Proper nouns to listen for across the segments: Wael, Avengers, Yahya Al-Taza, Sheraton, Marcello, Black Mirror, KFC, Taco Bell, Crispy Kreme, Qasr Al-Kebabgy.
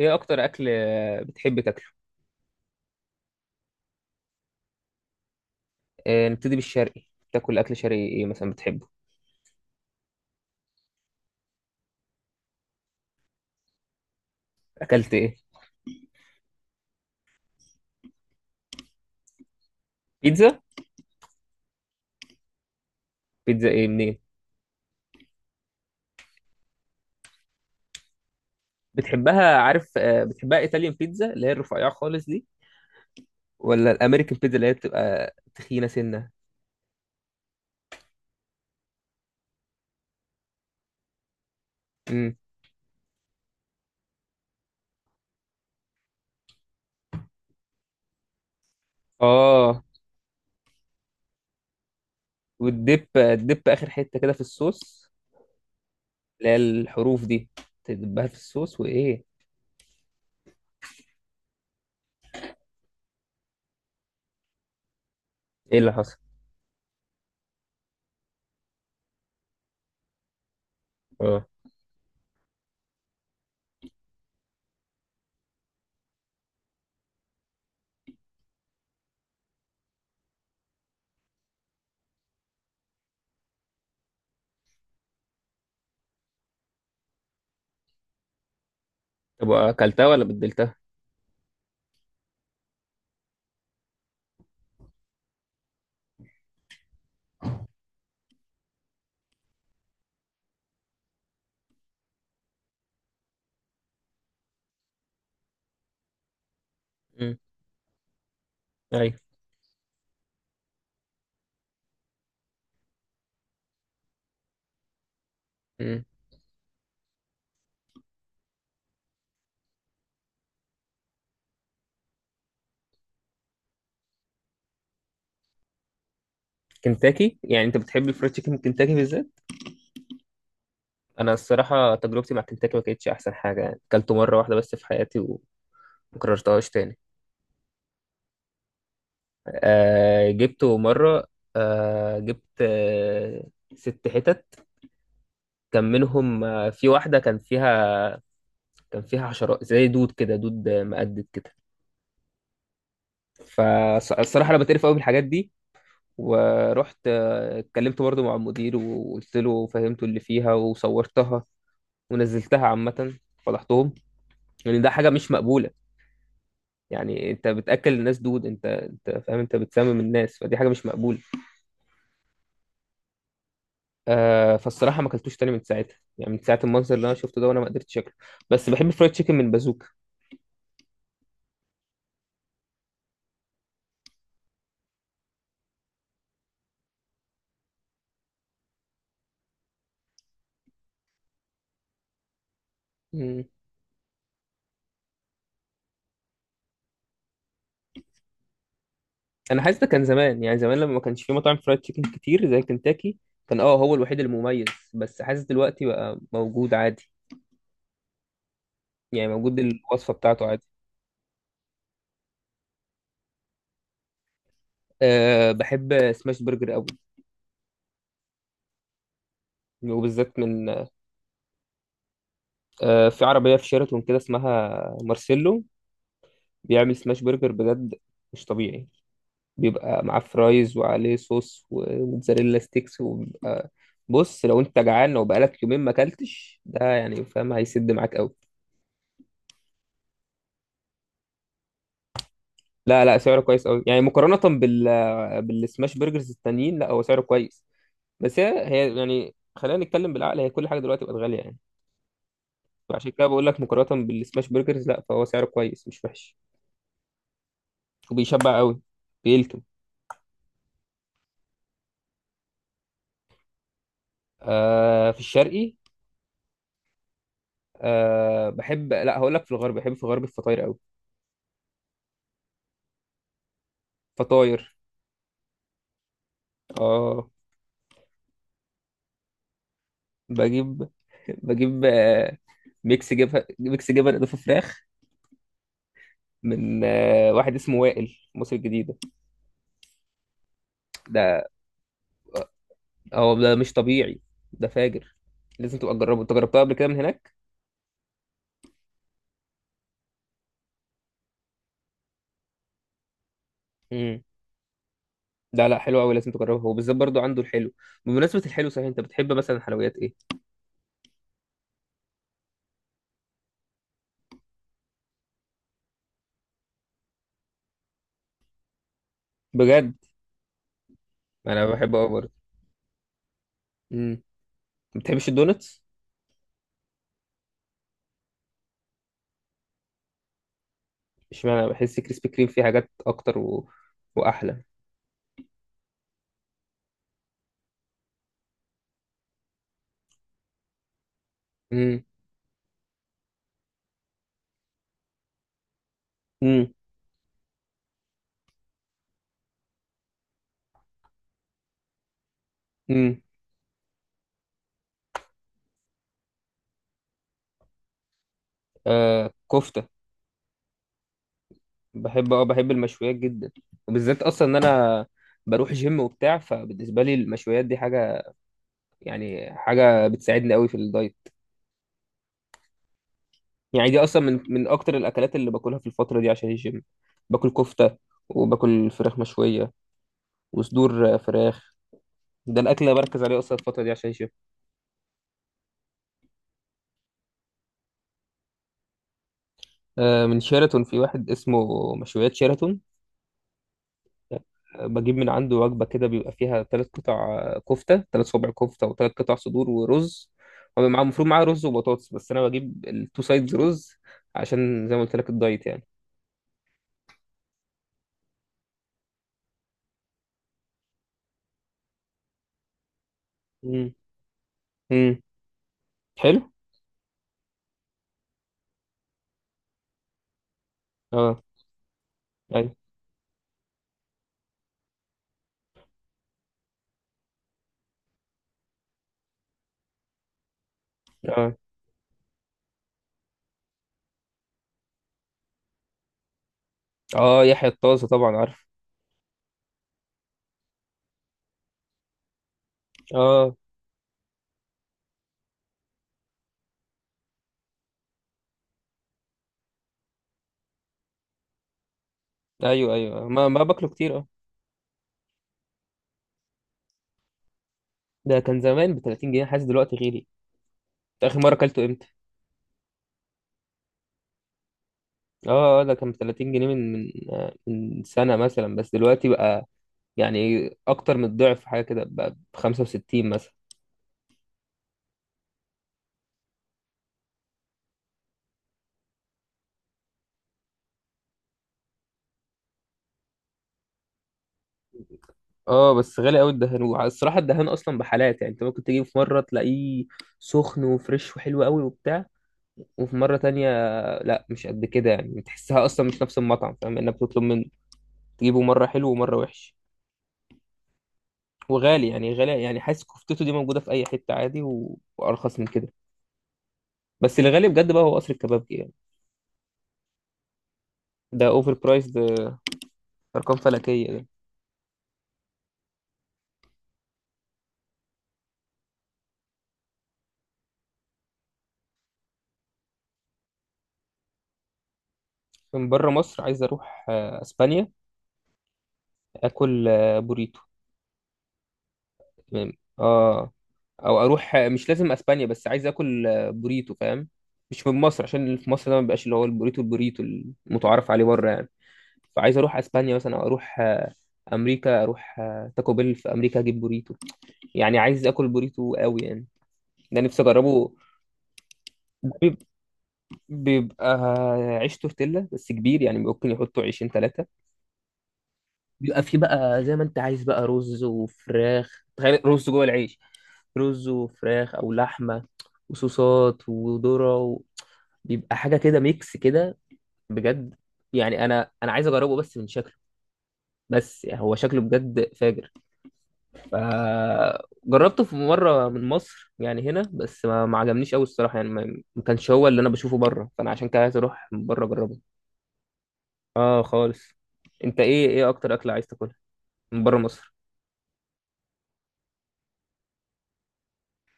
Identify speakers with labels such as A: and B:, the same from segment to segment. A: ايه اكتر اكل بتحب تاكله؟ نبتدي بالشرقي. تاكل اكل شرقي ايه مثلا بتحبه؟ اكلت ايه؟ بيتزا. بيتزا ايه منين؟ بتحبها عارف، بتحبها ايطاليان بيتزا اللي هي الرفيعه خالص دي، ولا الامريكان بيتزا اللي هي بتبقى تخينه سنه؟ امم. اه، والدب اخر حته كده في الصوص، اللي هي الحروف دي، تدبها في الصوص وايه. ايه اللي حصل؟ اه. طب اكلتها ولا بدلتها؟ امم. ايوه. امم. كنتاكي، يعني انت بتحب الفرايد تشيكن من كنتاكي بالذات؟ انا الصراحه تجربتي مع كنتاكي ما كانتش احسن حاجه، يعني اكلته مره واحده بس في حياتي وما كررتهاش تاني. آه، جبته مره. آه جبت ست حتت، كان منهم في واحده كان فيها، كان فيها حشرات زي دود كده، دود مقدد كده. فالصراحه انا بتقرف قوي من الحاجات دي، ورحت اتكلمت برضه مع المدير وقلت له فهمته اللي فيها وصورتها ونزلتها عامه، فضحتهم. لان يعني ده حاجه مش مقبوله، يعني انت بتاكل الناس دود، انت فاهم، انت بتسمم الناس، فدي حاجه مش مقبوله. فالصراحه ما اكلتوش تاني من ساعتها، يعني من ساعه المنظر اللي انا شفته ده وانا ما قدرتش اكله. بس بحب الفرايد تشيكن من بازوكا. مم. انا حاسس ده كان زمان، يعني زمان لما ما كانش في مطاعم فرايد تشيكن كتير زي كنتاكي، كان هو الوحيد المميز. بس حاسس دلوقتي بقى موجود عادي، يعني موجود الوصفه بتاعته عادي. أه بحب سماش برجر قوي، وبالذات من، في عربيه في شيراتون كده اسمها مارسيلو، بيعمل سماش برجر بجد مش طبيعي. بيبقى معاه فرايز وعليه صوص وموتزاريلا ستيكس، وبيبقى بص، لو انت جعان لو بقالك يومين ما اكلتش ده يعني فاهم، هيسد معاك قوي. لا لا، سعره كويس قوي يعني، مقارنة بال، بالسماش برجرز التانيين، لا هو سعره كويس. بس هي يعني خلينا نتكلم بالعقل، هي كل حاجة دلوقتي بقت غالية يعني، فعشان كده بقول لك مقارنة بالسماش برجرز لا، فهو سعره كويس مش وحش، وبيشبع قوي، بيلكم. في الشرقي. آه بحب لا هقول لك، في الغرب بحب في الغرب الفطاير قوي. فطاير. اه. بجيب بجيب ميكس جبن ميكس جبن اضافه فراخ، من واحد اسمه وائل مصر الجديده. ده، هو ده مش طبيعي، ده فاجر، لازم تبقى تجربه. انت جربتها قبل كده من هناك؟ امم. لا لا، حلو قوي، لازم تجربه. هو بالذات برضو عنده الحلو. بمناسبه الحلو، صحيح انت بتحب مثلا حلويات ايه؟ بجد؟ انا بحب قوي برضه. امم. ما بتحبش الدونتس؟ اشمعنى، بحس كريسبي كريم فيه حاجات اكتر واحلى. امم. امم. امم. كفته. بحب المشويات جدا، وبالذات اصلا ان انا بروح جيم وبتاع، فبالنسبه لي المشويات دي حاجه، يعني حاجه بتساعدني قوي في الدايت. يعني دي اصلا من اكتر الاكلات اللي باكلها في الفتره دي عشان الجيم. باكل كفته، وباكل فراخ مشويه، وصدور فراخ. ده الاكل اللي بركز عليه اصلا الفتره دي عشان الجيم. من شيراتون، في واحد اسمه مشويات شيراتون، بجيب من عنده وجبة كده، بيبقى فيها ثلاث قطع كفتة، ثلاث صوابع كفتة، وثلاث قطع صدور ورز. هو معاه المفروض معاه رز وبطاطس، بس أنا بجيب التو سايدز رز، عشان زي ما قلت لك الدايت يعني. امم. امم. حلو. اه. ايوه. اه. اه، يحيى الطازة طبعا عارف. اه. ايوه ايوه، ما باكله كتير، اه. ده كان زمان ب 30 جنيه، حاسس دلوقتي غالي. أنت آخر مرة أكلته إمتى؟ ده كان ب 30 جنيه من سنة مثلا، بس دلوقتي بقى يعني اكتر من الضعف، حاجه كده ب 65 مثلا. اه. بس غالي قوي الدهان، والصراحه الدهان اصلا بحالات، يعني انت ممكن تجيب في مره تلاقيه سخن وفريش وحلو قوي وبتاع، وفي مره تانية لا، مش قد كده يعني، تحسها اصلا مش نفس المطعم، فاهم، انك بتطلب من، تجيبه مره حلو ومره وحش، وغالي يعني. غالي يعني، حاسس كفتته دي موجوده في اي حته عادي وارخص من كده. بس اللي غالي بجد بقى هو قصر الكبابجي يعني، ده اوفر برايس ده، ارقام فلكيه ده. من بره مصر عايز اروح اسبانيا، اكل بوريتو. تمام. اه. او اروح، مش لازم اسبانيا، بس عايز اكل بوريتو فاهم، مش من مصر، عشان اللي في مصر ده ما بيبقاش اللي هو البوريتو المتعارف عليه بره يعني. فعايز اروح اسبانيا مثلا، او اروح امريكا، اروح تاكو بيل في امريكا، اجيب بوريتو، يعني عايز اكل بوريتو قوي يعني، ده نفسي اجربه. بيب- بيبقى عيش تورتيلا بس كبير، يعني ممكن يحطوا عيشين ثلاثة، بيبقى فيه بقى زي ما انت عايز، بقى رز وفراخ، تخيل رز جوه العيش، رز وفراخ او لحمه، وصوصات وذره بيبقى حاجه كده ميكس كده، بجد. يعني انا عايز اجربه بس من شكله، بس يعني هو شكله بجد فاجر. فجربته في مره من مصر يعني هنا، بس ما عجبنيش قوي الصراحه، يعني ما كانش هو اللي انا بشوفه بره، فانا عشان كده عايز اروح من بره اجربه. اه خالص. انت ايه اكتر اكله عايز تاكلها من بره مصر؟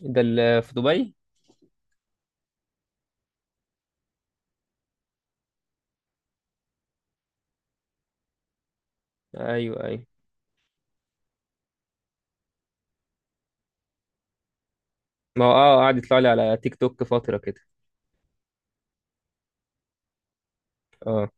A: ده اللي في دبي. ايوه ايوه. ما هو قعد يطلع لي على تيك توك فتره كده. اه.